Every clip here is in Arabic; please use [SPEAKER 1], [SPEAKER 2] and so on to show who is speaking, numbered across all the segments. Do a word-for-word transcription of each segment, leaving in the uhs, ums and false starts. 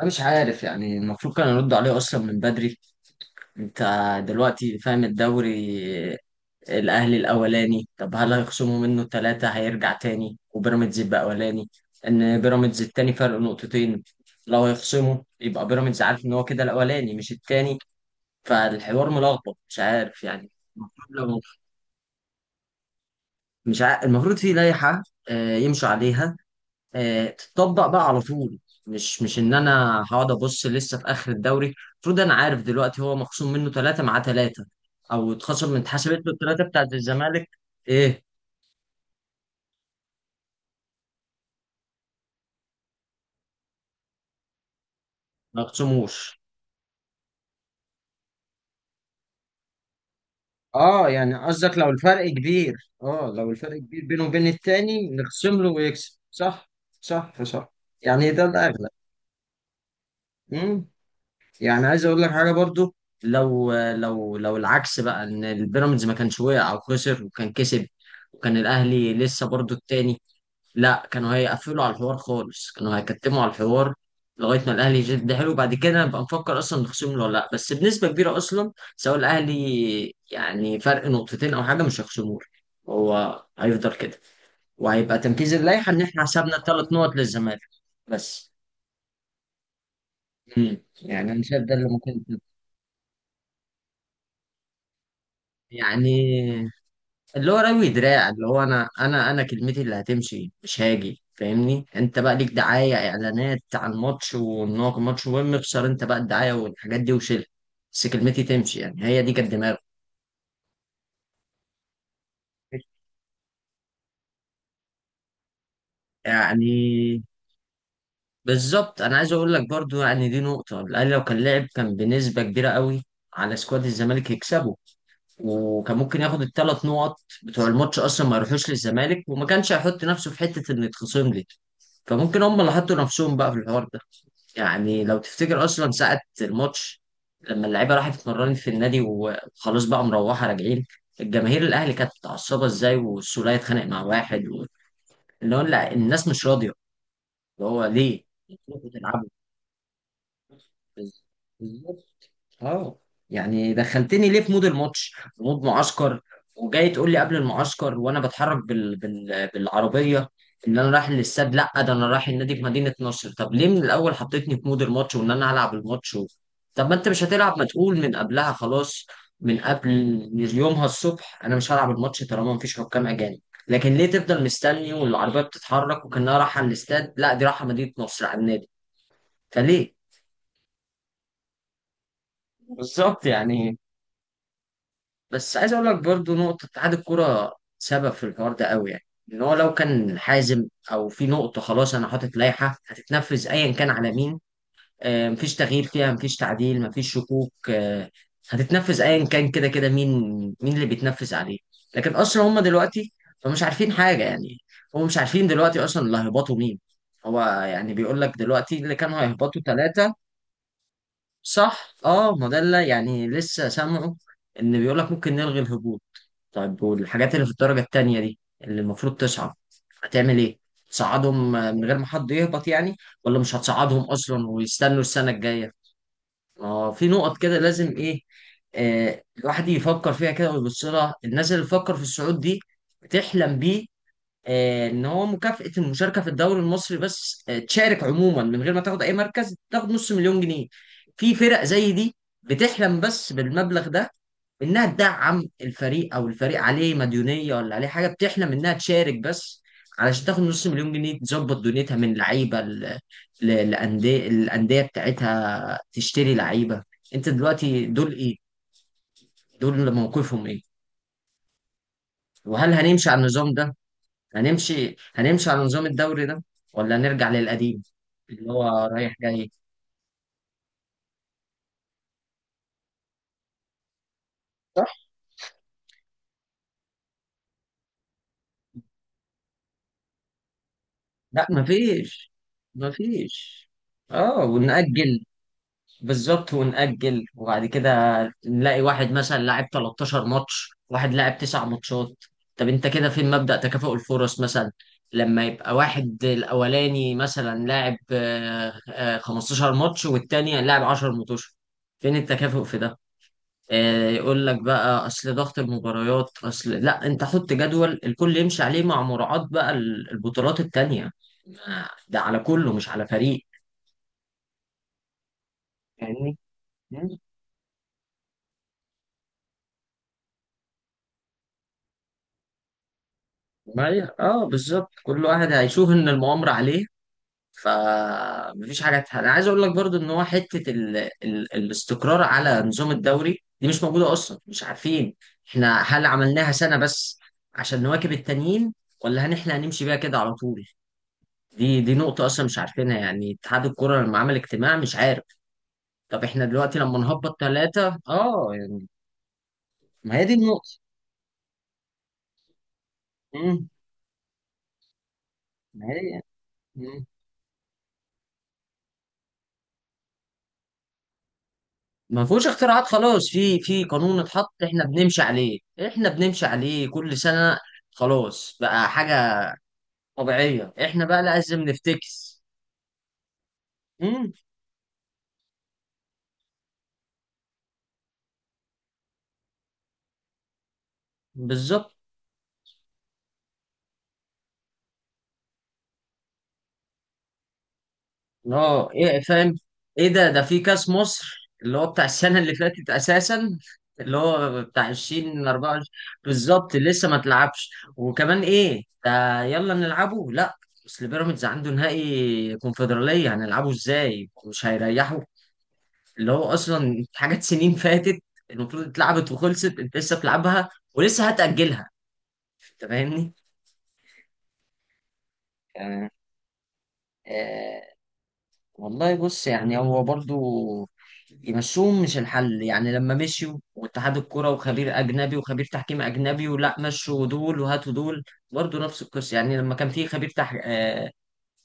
[SPEAKER 1] انا مش عارف، يعني المفروض كان يرد عليه اصلا من بدري. انت دلوقتي فاهم الدوري؟ الاهلي الاولاني، طب هل هيخصموا منه ثلاثة هيرجع تاني وبيراميدز يبقى اولاني؟ ان بيراميدز التاني فرق نقطتين. لو هيخصموا يبقى بيراميدز عارف ان هو كده الاولاني مش التاني. فالحوار ملخبط، مش عارف يعني. المفروض لو، مش عارف، المفروض في لائحة آه، يمشوا عليها، آه، تتطبق بقى على طول. مش مش ان انا هقعد ابص لسه في اخر الدوري، المفروض انا عارف دلوقتي هو مخصوم منه ثلاثه مع ثلاثه، او اتخصم من اتحسبت له الثلاثه بتاعت الزمالك. ايه، ما يخصموش. اه، يعني قصدك لو الفرق كبير. اه لو الفرق كبير بينه وبين التاني نخصم له ويكسب، صح؟ صح صح. يعني ده الاغلب. يعني عايز اقول لك حاجه برضو، لو لو لو العكس بقى ان البيراميدز ما كانش وقع او خسر وكان كسب، وكان الاهلي لسه برضو التاني، لا كانوا هيقفلوا على الحوار خالص، كانوا هيكتموا على الحوار لغايه ما الاهلي يجد حلو، بعد كده نبقى نفكر اصلا نخصم له ولا لا. بس بنسبه كبيره اصلا سواء الاهلي يعني فرق نقطتين او حاجه مش هيخصموه له. هو هيفضل كده، وهيبقى تنفيذ اللائحه ان احنا حسبنا ثلاث نقط للزمالك بس. مم. يعني انا شايف ده اللي ممكن يكون. يعني اللي هو روي دراع، اللي هو انا انا انا كلمتي اللي هتمشي مش هاجي. فاهمني، انت بقى ليك دعايه اعلانات عن الماتش وان هو كان ماتش مهم، اخسر انت بقى الدعايه والحاجات دي وشيلها، بس كلمتي تمشي. يعني هي دي كانت دماغه. يعني بالظبط، انا عايز اقول لك برضو، يعني دي نقطه، الاهلي لو كان لعب كان بنسبه كبيره قوي على سكواد الزمالك يكسبه، وكان ممكن ياخد الثلاث نقط بتوع الماتش اصلا، ما يروحوش للزمالك، وما كانش هيحط نفسه في حته انه يتخصم لي. فممكن هم اللي حطوا نفسهم بقى في الحوار ده. يعني لو تفتكر اصلا ساعه الماتش، لما اللعيبه راحت اتمرنت في النادي وخلاص بقى مروحه راجعين، الجماهير الاهلي كانت متعصبه ازاي، والسوليه اتخانق مع واحد و... اللي هو لا الناس مش راضيه. اللي هو ليه؟ انتوا بتلعبوا. اه، يعني دخلتني ليه في مود الماتش، في مود معسكر، وجاي تقول لي قبل المعسكر وانا بتحرك بال... بال... بالعربيه ان انا رايح للاستاد، لا ده انا رايح النادي في مدينه نصر. طب ليه من الاول حطيتني في مود الماتش وان انا هلعب الماتش و... طب ما انت مش هتلعب، ما تقول من قبلها خلاص، من قبل، يومها الصبح، انا مش هلعب الماتش طالما مفيش حكام اجانب. لكن ليه تفضل مستني والعربيه بتتحرك وكانها رايحه الاستاد، لا دي رايحه مدينه نصر على النادي. فليه؟ بالظبط يعني. بس عايز اقول لك برضو، نقطة اتحاد الكورة سبب في الحوار ده قوي، يعني ان هو لو كان حازم، او في نقطة خلاص انا حاطط لائحة هتتنفذ ايا كان على مين، آه، مفيش تغيير فيها، مفيش تعديل، مفيش شكوك، آه، هتتنفذ ايا كان كده كده مين، مين اللي بيتنفذ عليه. لكن اصلا هم دلوقتي، هم مش عارفين حاجة يعني، هم مش عارفين دلوقتي اصلا اللي هيهبطوا مين. هو يعني بيقول لك دلوقتي اللي كانوا هيهبطوا ثلاثة. صح، اه، ما ده اللي يعني لسه سامعه، ان بيقول لك ممكن نلغي الهبوط. طيب والحاجات اللي في الدرجة التانية دي اللي المفروض تصعد هتعمل ايه؟ تصعدهم آه، من غير ما حد يهبط يعني؟ ولا مش هتصعدهم اصلا ويستنوا السنة الجاية؟ ما هو في نقط كده لازم ايه. آه الواحد يفكر فيها كده ويبص لها، الناس اللي بتفكر في الصعود دي بتحلم بيه. آه، ان هو مكافأة المشاركة في الدوري المصري بس، آه تشارك عموما من غير ما تاخد اي مركز، تاخد نص مليون جنيه. في فرق زي دي بتحلم بس بالمبلغ ده، انها تدعم الفريق او الفريق عليه مديونيه ولا عليه حاجه. بتحلم انها تشارك بس علشان تاخد نص مليون جنيه، تظبط دنيتها من لعيبه ل- ل- لأندية الأندية بتاعتها، تشتري لعيبة. انت دلوقتي دول ايه، دول موقفهم ايه؟ وهل هنمشي على النظام ده؟ هنمشي، هنمشي على نظام الدوري ده، ولا نرجع للقديم؟ اللي هو رايح جاي. صح. لا، مفيش، مفيش. اه، ونأجل. بالظبط، ونأجل، وبعد كده نلاقي واحد مثلا لاعب تلتاشر ماتش، واحد لاعب تسع ماتشات. طب انت كده فين مبدأ تكافؤ الفرص مثلا؟ لما يبقى واحد الأولاني مثلا لاعب آه، آه، خمسة عشر ماتش، والتاني لاعب عشر ماتش، فين التكافؤ في ده؟ آه، يقول لك بقى أصل ضغط المباريات، أصل لا، انت حط جدول الكل يمشي عليه، مع مراعاة بقى البطولات التانية، ده على كله مش على فريق. فاهمني؟ ما ي-، اه بالظبط، كل واحد هيشوف ان المؤامره عليه. فمفيش حاجه تح-، انا عايز اقول لك برضو ان هو حته ال... ال... الاستقرار على نظام الدوري دي مش موجوده اصلا، مش عارفين احنا هل عملناها سنه بس عشان نواكب التانيين، ولا هن احنا هنمشي بيها كده على طول. دي دي نقطه اصلا مش عارفينها. يعني اتحاد الكره لما عمل اجتماع مش عارف. طب احنا دلوقتي لما نهبط ثلاثه اه يعني. ما هي دي النقطه. امم ما هي. مم. ما فيهوش اختراعات خلاص، في في قانون اتحط احنا بنمشي عليه، احنا بنمشي عليه كل سنة، خلاص بقى حاجة طبيعية، احنا بقى لازم نفتكس. امم بالظبط. اه، ايه فاهم. ايه ده؟ ده في كاس مصر اللي هو بتاع السنة اللي فاتت اساسا، اللي هو بتاع الفين واربعه وعشرين. بالظبط، لسه ما تلعبش وكمان ايه ده يلا نلعبه. لا، اصل بيراميدز عنده نهائي كونفدرالية، هنلعبه ازاي؟ مش هيريحوا. اللي هو اصلا في حاجات سنين فاتت المفروض اتلعبت وخلصت، انت لسه بتلعبها ولسه هتأجلها. انت فاهمني؟ يعني، آه والله بص، يعني هو برضو، يمشوهم مش الحل، يعني لما مشيوا واتحاد الكرة وخبير أجنبي وخبير تحكيم أجنبي، ولا مشوا دول وهاتوا دول، برضو نفس القصة. يعني لما كان في خبير تح...، آه...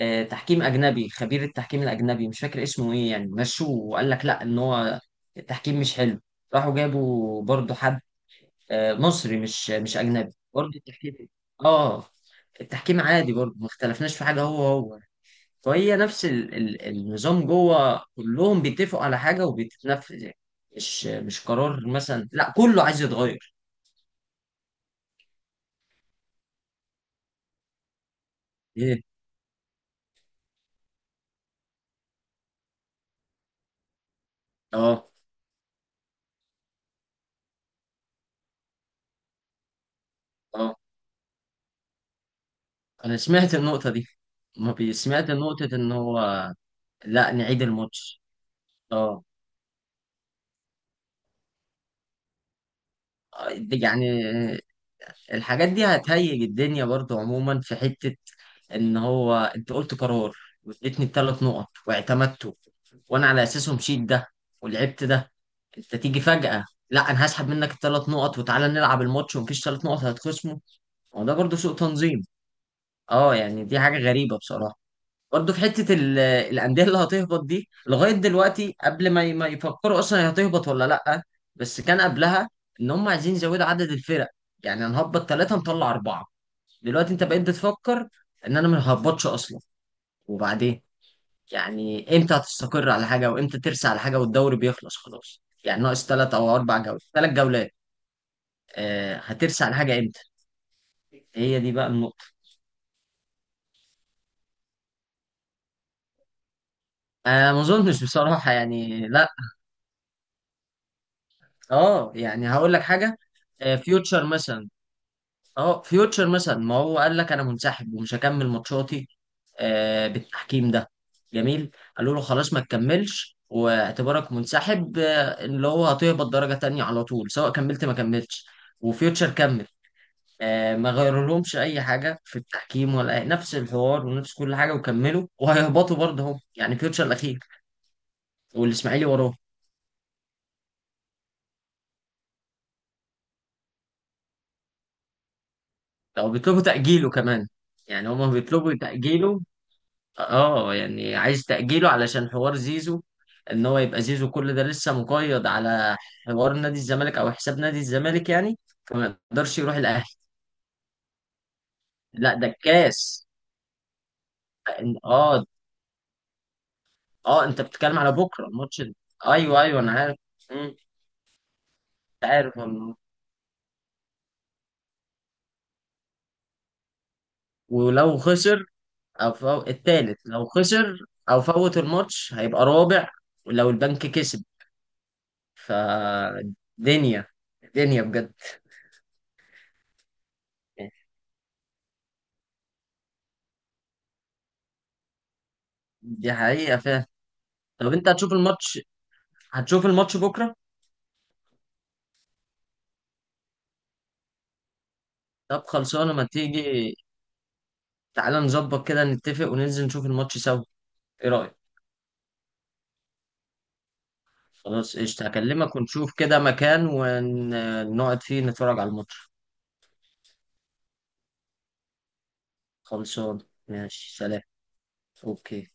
[SPEAKER 1] آه... تحكيم أجنبي، خبير التحكيم الأجنبي مش فاكر اسمه إيه يعني، مشوه وقال لك لا إن هو التحكيم مش حلو، راحوا جابوا برضو حد آه، مصري، مش مش اجنبي، برضه التحكيم. اه، التحكيم عادي برضه، ما اختلفناش في حاجه، هو هو. فهي نفس ال... ال... النظام، جوه كلهم بيتفقوا على حاجه وبتتنفذ يعني، مش مش قرار مثلا، لا كله عايز يتغير. ايه. اه. اه انا سمعت النقطه دي. ما بي-، سمعت نقطه ان هو، لا نعيد الماتش. اه، دي-، يعني الحاجات دي هتهيج الدنيا برضه عموما. في حته ان هو انت قلت قرار، واديتني بثلاث نقط واعتمدته، وانا على اساسه مشيت ده ولعبت ده. انت تيجي فجأة، لا انا هسحب منك الثلاث نقط وتعالى نلعب الماتش ومفيش ثلاث نقط هتخصمه. هو ده برضه سوء تنظيم. اه يعني دي حاجة غريبة بصراحة. برضه في حتة ال- الأندية اللي هتهبط دي، لغاية دلوقتي قبل ما ي- ما يفكروا أصلا هي هتهبط ولا لأ. بس كان قبلها إن هم عايزين يزودوا عدد الفرق، يعني هنهبط ثلاثة نطلع أربعة. دلوقتي أنت بقيت بتفكر إن أنا ما هبطش أصلا. وبعدين يعني امتى هتستقر على حاجه، وامتى ترسى على حاجه، والدوري بيخلص خلاص، يعني ناقص ثلاث او اربع جولات، ثلاث جولات. آه هترسى على حاجه امتى؟ هي دي بقى النقطه. انا ما اظنش بصراحه، يعني لا. اه يعني هقول لك حاجه، آه فيوتشر مثلا. اه فيوتشر مثلا، ما هو قال لك انا منسحب ومش هكمل ماتشاتي آه بالتحكيم ده. جميل، قالوا له خلاص ما تكملش واعتبارك منسحب، آه، اللي هو هتهبط درجه تانية على طول سواء كملت ما كملتش. وفيوتشر كمل، آه، ما غيرولهمش اي حاجه في التحكيم ولا أي... نفس الحوار ونفس كل حاجه، وكملوا وهيهبطوا برضه هم، يعني فيوتشر الاخير والاسماعيلي وراه. لو بيطلبوا تاجيله كمان. يعني هما بيطلبوا تاجيله. اه يعني عايز تاجيله علشان حوار زيزو، ان هو يبقى زيزو كل ده لسه مقيد على حوار نادي الزمالك او حساب نادي الزمالك يعني، فما يقدرش يروح الاهلي. لا ده الكاس. اه. اه انت بتتكلم على بكره الماتش ده. ايوه ايوه انا عارف. مم، انت عارف. ولو خسر، او فو...، التالت لو خسر او فوت الماتش هيبقى رابع، ولو البنك كسب. فدنيا، دنيا بجد. دي حقيقة فعلا. طب انت هتشوف الماتش؟ هتشوف الماتش بكرة؟ طب خلصانة، ما تيجي تعالى نظبط كده، نتفق وننزل نشوف الماتش سوا. ايه رأيك؟ خلاص قشطة، هكلمك ونشوف كده مكان ونقعد فيه نتفرج على الماتش. خلصانة، ماشي، سلام. اوكي.